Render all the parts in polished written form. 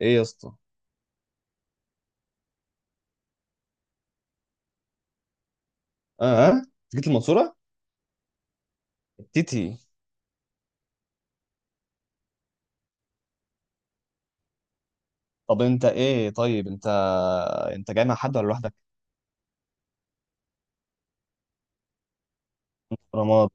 ايه يا اسطى؟ اه آه؟ جيت المنصوره؟ تيتي. طب انت ايه طيب انت، انت جاي مع حد ولا لوحدك؟ رمضان.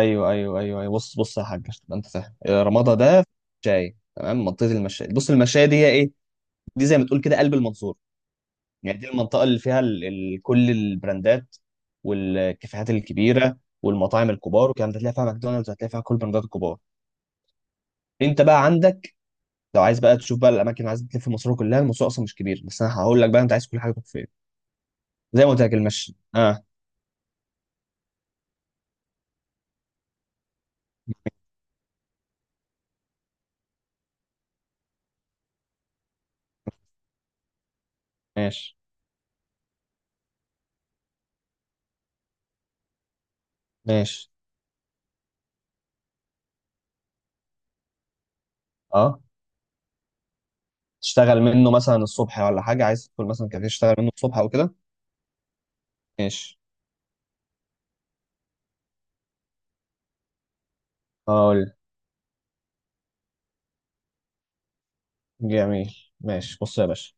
ايوه ايوه ايوه ايوه، بص بص يا حاج، عشان تبقى انت فاهم، رمضان ده في شاي. تمام. منطقه المشاية، بص، المشاية دي هي ايه؟ دي زي ما تقول كده قلب المنصوره. يعني دي المنطقه اللي فيها كل البراندات والكافيهات الكبيره والمطاعم الكبار والكلام ده. هتلاقي فيها ماكدونالدز، هتلاقي فيها كل البراندات الكبار. انت بقى عندك، لو عايز بقى تشوف بقى الاماكن اللي عايز تلف في المنصوره كلها، المنصوره اصلا مش كبير، بس انا هقول لك بقى انت عايز كل حاجه تروح فين. زي ما قلت لك، المشي. اه، ماشي. ماشي. اه، تشتغل منه مثلا الصبح ولا حاجه، عايز تدخل مثلا كافيه تشتغل منه الصبح او كده. ماشي. هقول. جميل. ماشي، بص يا باشا،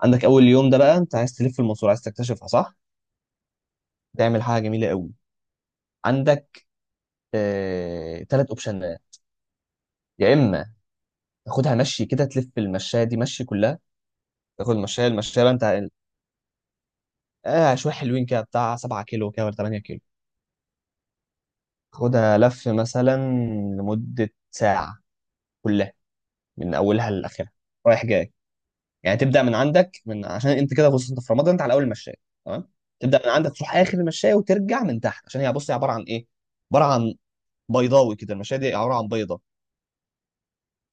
عندك اول يوم ده بقى انت عايز تلف المنصوره، عايز تكتشفها، صح؟ تعمل حاجه جميله قوي. عندك ثلاث اوبشنات. يا اما تاخدها مشي كده، تلف المشايه دي مشي كلها، تاخد المشايه، المشايه بقى انت. شويه حلوين كده، بتاع 7 كيلو كده ولا 8 كيلو. خدها لف مثلا لمده ساعه، كلها، من اولها لاخرها. رايح جاي. يعني تبدا من عندك، من عشان انت كده، بص انت في رمضان، انت على اول المشايه. تمام. تبدا من عندك تروح اخر المشايه وترجع من تحت، عشان هي، بص، هي عباره عن ايه؟ عباره عن بيضاوي كده، المشايه دي عباره عن بيضه.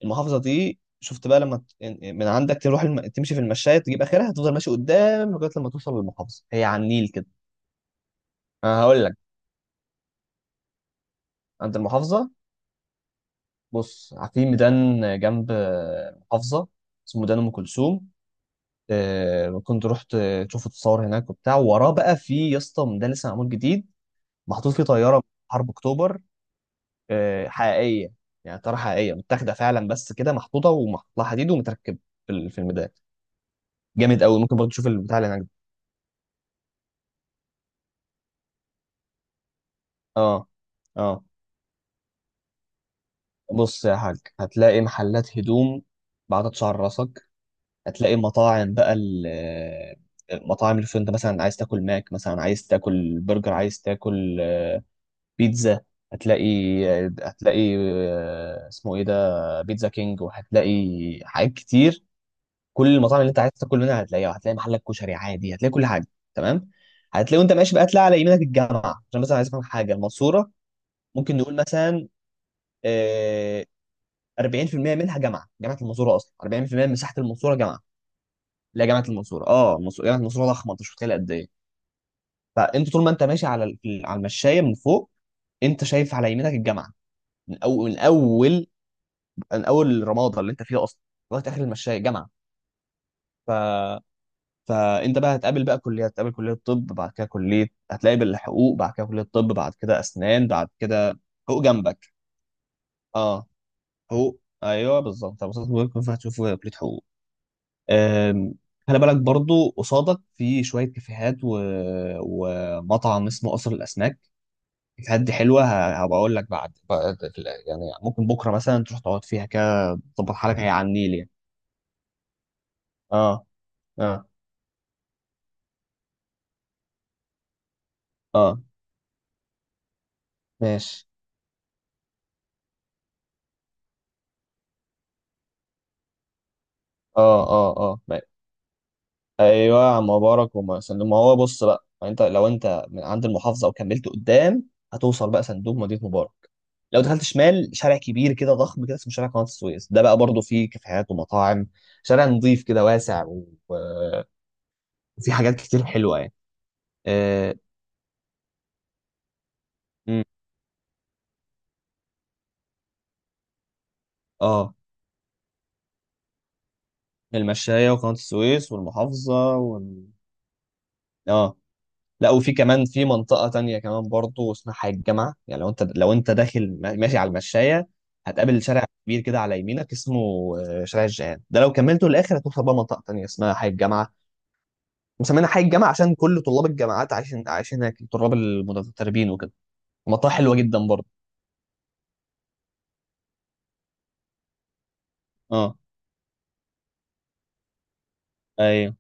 المحافظه دي شفت بقى لما من عندك تروح تمشي في المشايه تجيب اخرها، تفضل ماشي قدام لغايه لما توصل للمحافظه، هي على النيل كده. انا هقول لك، عند المحافظه، بص في ميدان جنب محافظه اسمه ميدان ام كلثوم. كنت رحت، شفت، تصور هناك وبتاع. وراه بقى في يا اسطى ده لسه معمول جديد، محطوط فيه طياره من حرب اكتوبر. حقيقيه، يعني طياره حقيقيه متاخده فعلا، بس كده محطوطه ومحطوط لها حديد ومتركب في الفيلم ده. جامد قوي. ممكن برضه تشوف البتاع اللي هناك ده. اه اه. بص يا حاج، هتلاقي محلات هدوم بعدد شعر راسك. هتلاقي مطاعم بقى المطاعم اللي في، انت مثلا عايز تاكل ماك، مثلا عايز تاكل برجر، عايز تاكل بيتزا. هتلاقي. هتلاقي اسمه ايه ده، بيتزا كينج، وهتلاقي حاجات كتير. كل المطاعم اللي انت عايز تاكل منها هتلاقيها. هتلاقي محلك كشري عادي، هتلاقي كل حاجه. تمام. هتلاقي وانت ماشي بقى تلاقي على يمينك الجامعه. عشان مثلا عايز افهم حاجه، المنصوره ممكن نقول مثلا آه، 40% منها جامعه. جامعه المنصوره اصلا 40% من مساحه المنصوره جامعه. لا، جامعه المنصوره، اه، جامعه المنصوره ضخمه، انت مش متخيل قد ايه. فانت طول ما انت ماشي على على المشايه من فوق، انت شايف على يمينك الجامعه. من اول من اول من اول رماده اللي انت فيها اصلا لغايه اخر المشاية جامعه. ف، فانت بقى هتقابل بقى كليه، هتقابل كليه، طب بعد كده كليه، هتلاقي بالحقوق، بعد كده كليه، طب بعد كده اسنان بعد كده. حقوق جنبك. اه، حقوق، ايوه بالظبط، مبسوط بيكون، فهتشوف كليه حقوق. أم، خلي بالك برضو قصادك في شويه كافيهات ومطعم اسمه قصر الاسماك. الكافيهات دي حلوه، هبقى اقول لك يعني ممكن بكره مثلا تروح تقعد فيها كده، تظبط حالك، هي على النيل يعني. اه اه اه. ماشي. اه اه اه ما- ايوه يا عم، مبارك وما سندوم، ما هو بص بقى، ما انت لو انت من عند المحافظه وكملت قدام هتوصل بقى صندوق مدينه مبارك. لو دخلت شمال، شارع كبير كده ضخم كده اسمه شارع قناه السويس، ده بقى برضه فيه كافيهات ومطاعم، شارع نظيف كده واسع وفيه حاجات كتير حلوه يعني. اه, مم. آه. المشايه وقناه السويس والمحافظه اه. لا، وفي كمان في منطقة تانية كمان برضو اسمها الجامعة. يعني لو انت، لو انت داخل ماشي على المشاية، هتقابل شارع كبير كده على يمينك اسمه شارع الجيهان، ده لو كملته للآخر هتوصل بقى منطقة تانية اسمها حي الجامعة. مسمينها حي الجامعة عشان كل طلاب الجامعات عايشين عايشين هناك، طلاب المتدربين وكده. منطقة حلوة جدا برضو. اه، ايوه.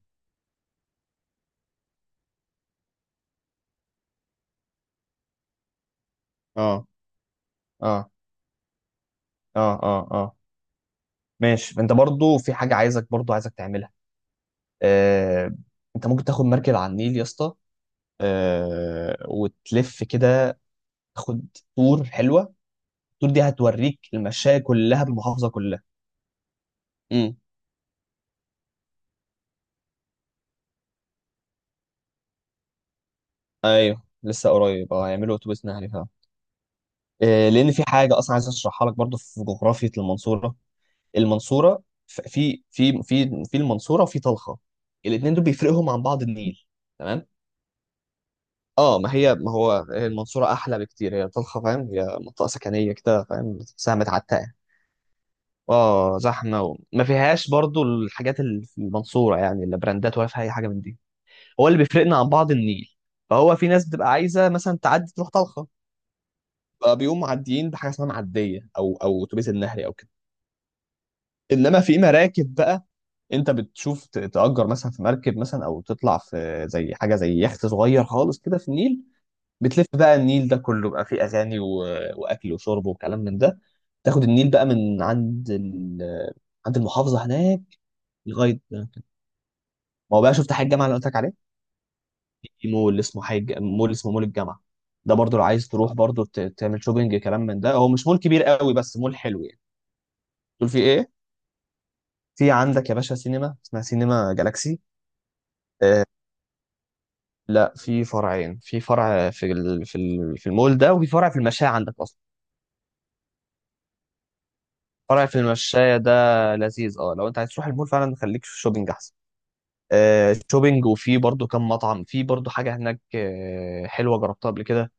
اه اه اه اه اه. ماشي. انت برضو في حاجة، عايزك برضو عايزك تعملها. آه. انت ممكن تاخد مركب على النيل يا اسطى، وتلف كده. تاخد تور حلوه، التور دي هتوريك المشاية كلها بالمحافظه كلها. امم. ايوه، لسه قريب، اه، هيعملوا اتوبيس نهري فعلا. لان في حاجه اصلا عايز اشرحها لك برضو، في جغرافيه المنصوره، المنصوره ف- في في في في المنصوره وفي طلخه، الاثنين دول بيفرقهم عن بعض النيل. تمام. اه، ما هي، ما هو، هي المنصوره احلى بكتير، هي طلخه فاهم، هي منطقه سكنيه كده فاهم، تحسها متعتقه. اه، زحمه، وما فيهاش برضو الحاجات اللي في المنصوره، يعني لا براندات ولا في اي حاجه من دي. هو اللي بيفرقنا عن بعض النيل، فهو في ناس بتبقى عايزه مثلا تعدي تروح طلخه، بقى بيقوموا معديين بحاجه اسمها معديه او او اتوبيس النهري او كده. انما في مراكب بقى، انت بتشوف تأجر مثلا في مركب مثلا، او تطلع في زي حاجه زي يخت صغير خالص كده في النيل، بتلف بقى النيل ده كله بقى، فيه اغاني واكل وشرب وكلام من ده. تاخد النيل بقى من عند عند المحافظه هناك لغايه ما. هو بقى، شفت حاجه، الجامعه اللي قلت لك عليها، في مول اسمه حاج، مول اسمه مول الجامعه، ده برضو لو عايز تروح برضو تعمل شوبينج كلام من ده، هو مش مول كبير قوي بس مول حلو يعني. دول في ايه؟ في عندك يا باشا سينما اسمها سينما جالاكسي. آه، لا، في فرعين، في فرع في في المول ده، وفي فرع في المشاية عندك اصلا. فرع في المشاية ده لذيذ، اه. لو انت عايز تروح المول فعلا، خليك في الشوبينج احسن. شوبينج. وفي برضو كم مطعم، في برضو حاجة هناك حلوة جربتها قبل كده،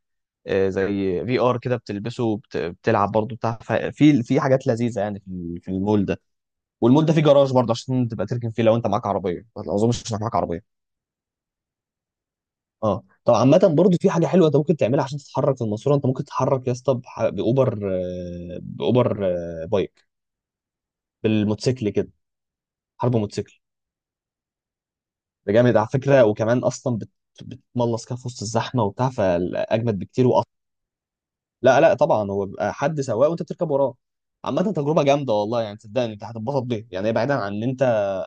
زي في ار كده بتلبسه بتلعب برضه بتاع، في في حاجات لذيذه يعني في في المول ده. والمول ده فيه جراج برضه عشان تبقى تركن فيه لو انت معاك عربيه، ما اظنش انك معاك عربيه. اه، طب عامه برضه في حاجه حلوه انت ممكن تعملها عشان تتحرك في الماسوره، انت ممكن تتحرك يا اسطى بح- باوبر آه، باوبر آه، بايك، بالموتوسيكل كده، حرب موتوسيكل. ده جامد على فكره، وكمان اصلا بتملص كده في وسط الزحمه وبتاع، فاجمد بكتير. لا لا، طبعا هو بيبقى حد سواق وانت بتركب وراه. عامة تجربة جامدة والله، يعني صدقني انت هتتبسط بيها يعني، هي بعيدا عن ان انت،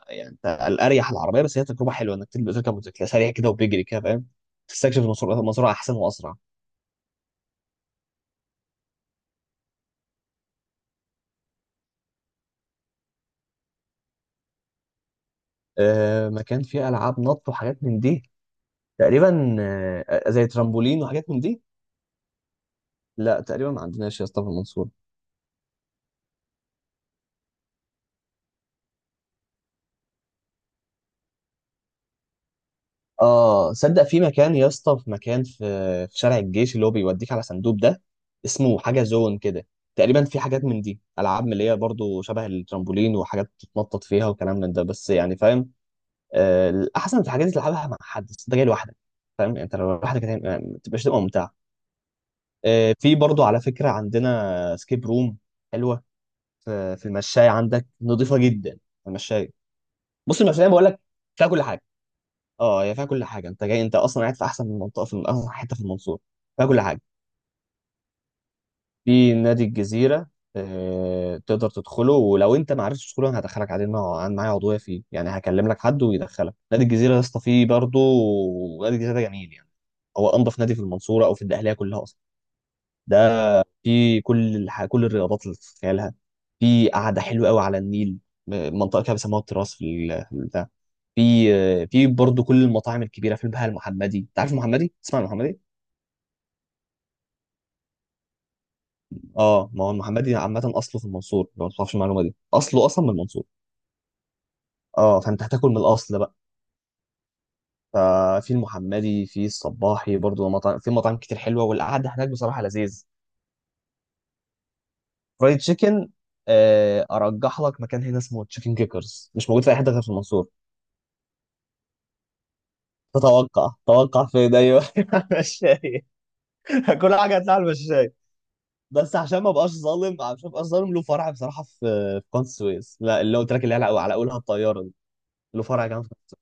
يعني انت الاريح العربية، بس هي تجربة حلوة انك تبقى تركب موتوسيكل سريع كده وبيجري كده فاهم، تستكشف المسار، المسار احسن واسرع. مكان فيه العاب نط وحاجات من دي، تقريبا زي ترامبولين وحاجات من دي. لا تقريبا ما عندناش يا اسطى في المنصورة. اه صدق، في مكان يا اسطى، في مكان في في شارع الجيش اللي هو بيوديك على صندوق ده، اسمه حاجه زون كده، تقريبا في حاجات من دي، العاب اللي هي برضو شبه الترامبولين وحاجات تتنطط فيها وكلام من ده، بس يعني فاهم، الاحسن في الحاجات دي تلعبها مع حد، بس انت جاي لوحدك، فاهم يعني. انت لو لوحدك يعني ما تبقاش تبقى ممتع. في برضو على فكره عندنا سكيب روم حلوه، في في المشايه عندك، نظيفه جدا. المشايه، بص، المشايه بقول لك فيها كل حاجه، اه هي فيها كل حاجه، انت جاي انت اصلا قاعد في احسن منطقه في احسن حته في المنصوره، فيها كل حاجه. في نادي الجزيره، تقدر تدخله، ولو انت ما عرفتش تدخله، انا هدخلك عليه، انا أنا معايا عضويه فيه، يعني هكلم لك حد ويدخلك نادي الجزيره يا اسطى. فيه برضه نادي الجزيره ده جميل يعني، هو انضف نادي في المنصوره او في الدقهليه كلها اصلا ده. في كل الرياضات اللي تتخيلها. في قعده حلوه قوي على النيل، منطقه كده بيسموها التراس في في البتاع. في في برضه كل المطاعم الكبيره، في البهاء، المحمدي، انت عارف المحمدي؟ تسمع عن المحمدي. اه، ما هو المحمدي عامه اصله في المنصور، لو ما تعرفش المعلومه دي، اصله اصلا من المنصور. اه، فانت هتاكل من الاصل بقى. ففي المحمدي، في الصباحي برضه مطاعم، في مطاعم كتير حلوه والقعده هناك بصراحه لذيذ. فرايد تشيكن ارجح لك مكان هنا اسمه تشيكن كيكرز، مش موجود في اي حته غير في المنصور. توقع فين؟ ايوه مشاية، كل حاجه هتلاقي على المشاية. بس عشان ما بقاش ظالم، عشان ما بقاش ظالم، له فرع بصراحه في في قناة السويس، لا اللي قلت لك اللي هي على على اولها الطياره دي. له فرع كمان في-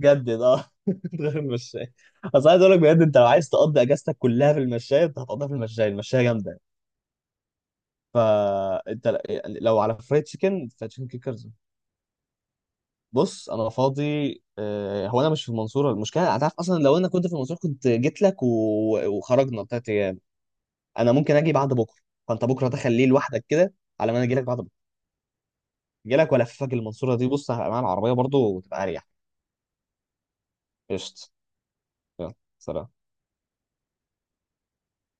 جدد، اه غير المشاية. بس عايز اقول لك بجد، انت لو عايز تقضي اجازتك كلها في المشاية، انت هتقضيها في المشاية، المشاية جامده. فانت يعني لو على فرايد تشيكن فتشيكن كيكرز. بص انا فاضي، هو انا مش في المنصوره المشكله، هتعرف اصلا لو انا كنت في المنصوره كنت جيت لك وخرجنا بتاعت. انا ممكن اجي بعد بكره، فانت بكره تخليه لوحدك كده على ما انا اجي لك بعد بكره، اجي لك والففك المنصوره دي، بص هبقى معايا العربيه برضو وتبقى اريح. قشط. يلا. سلام.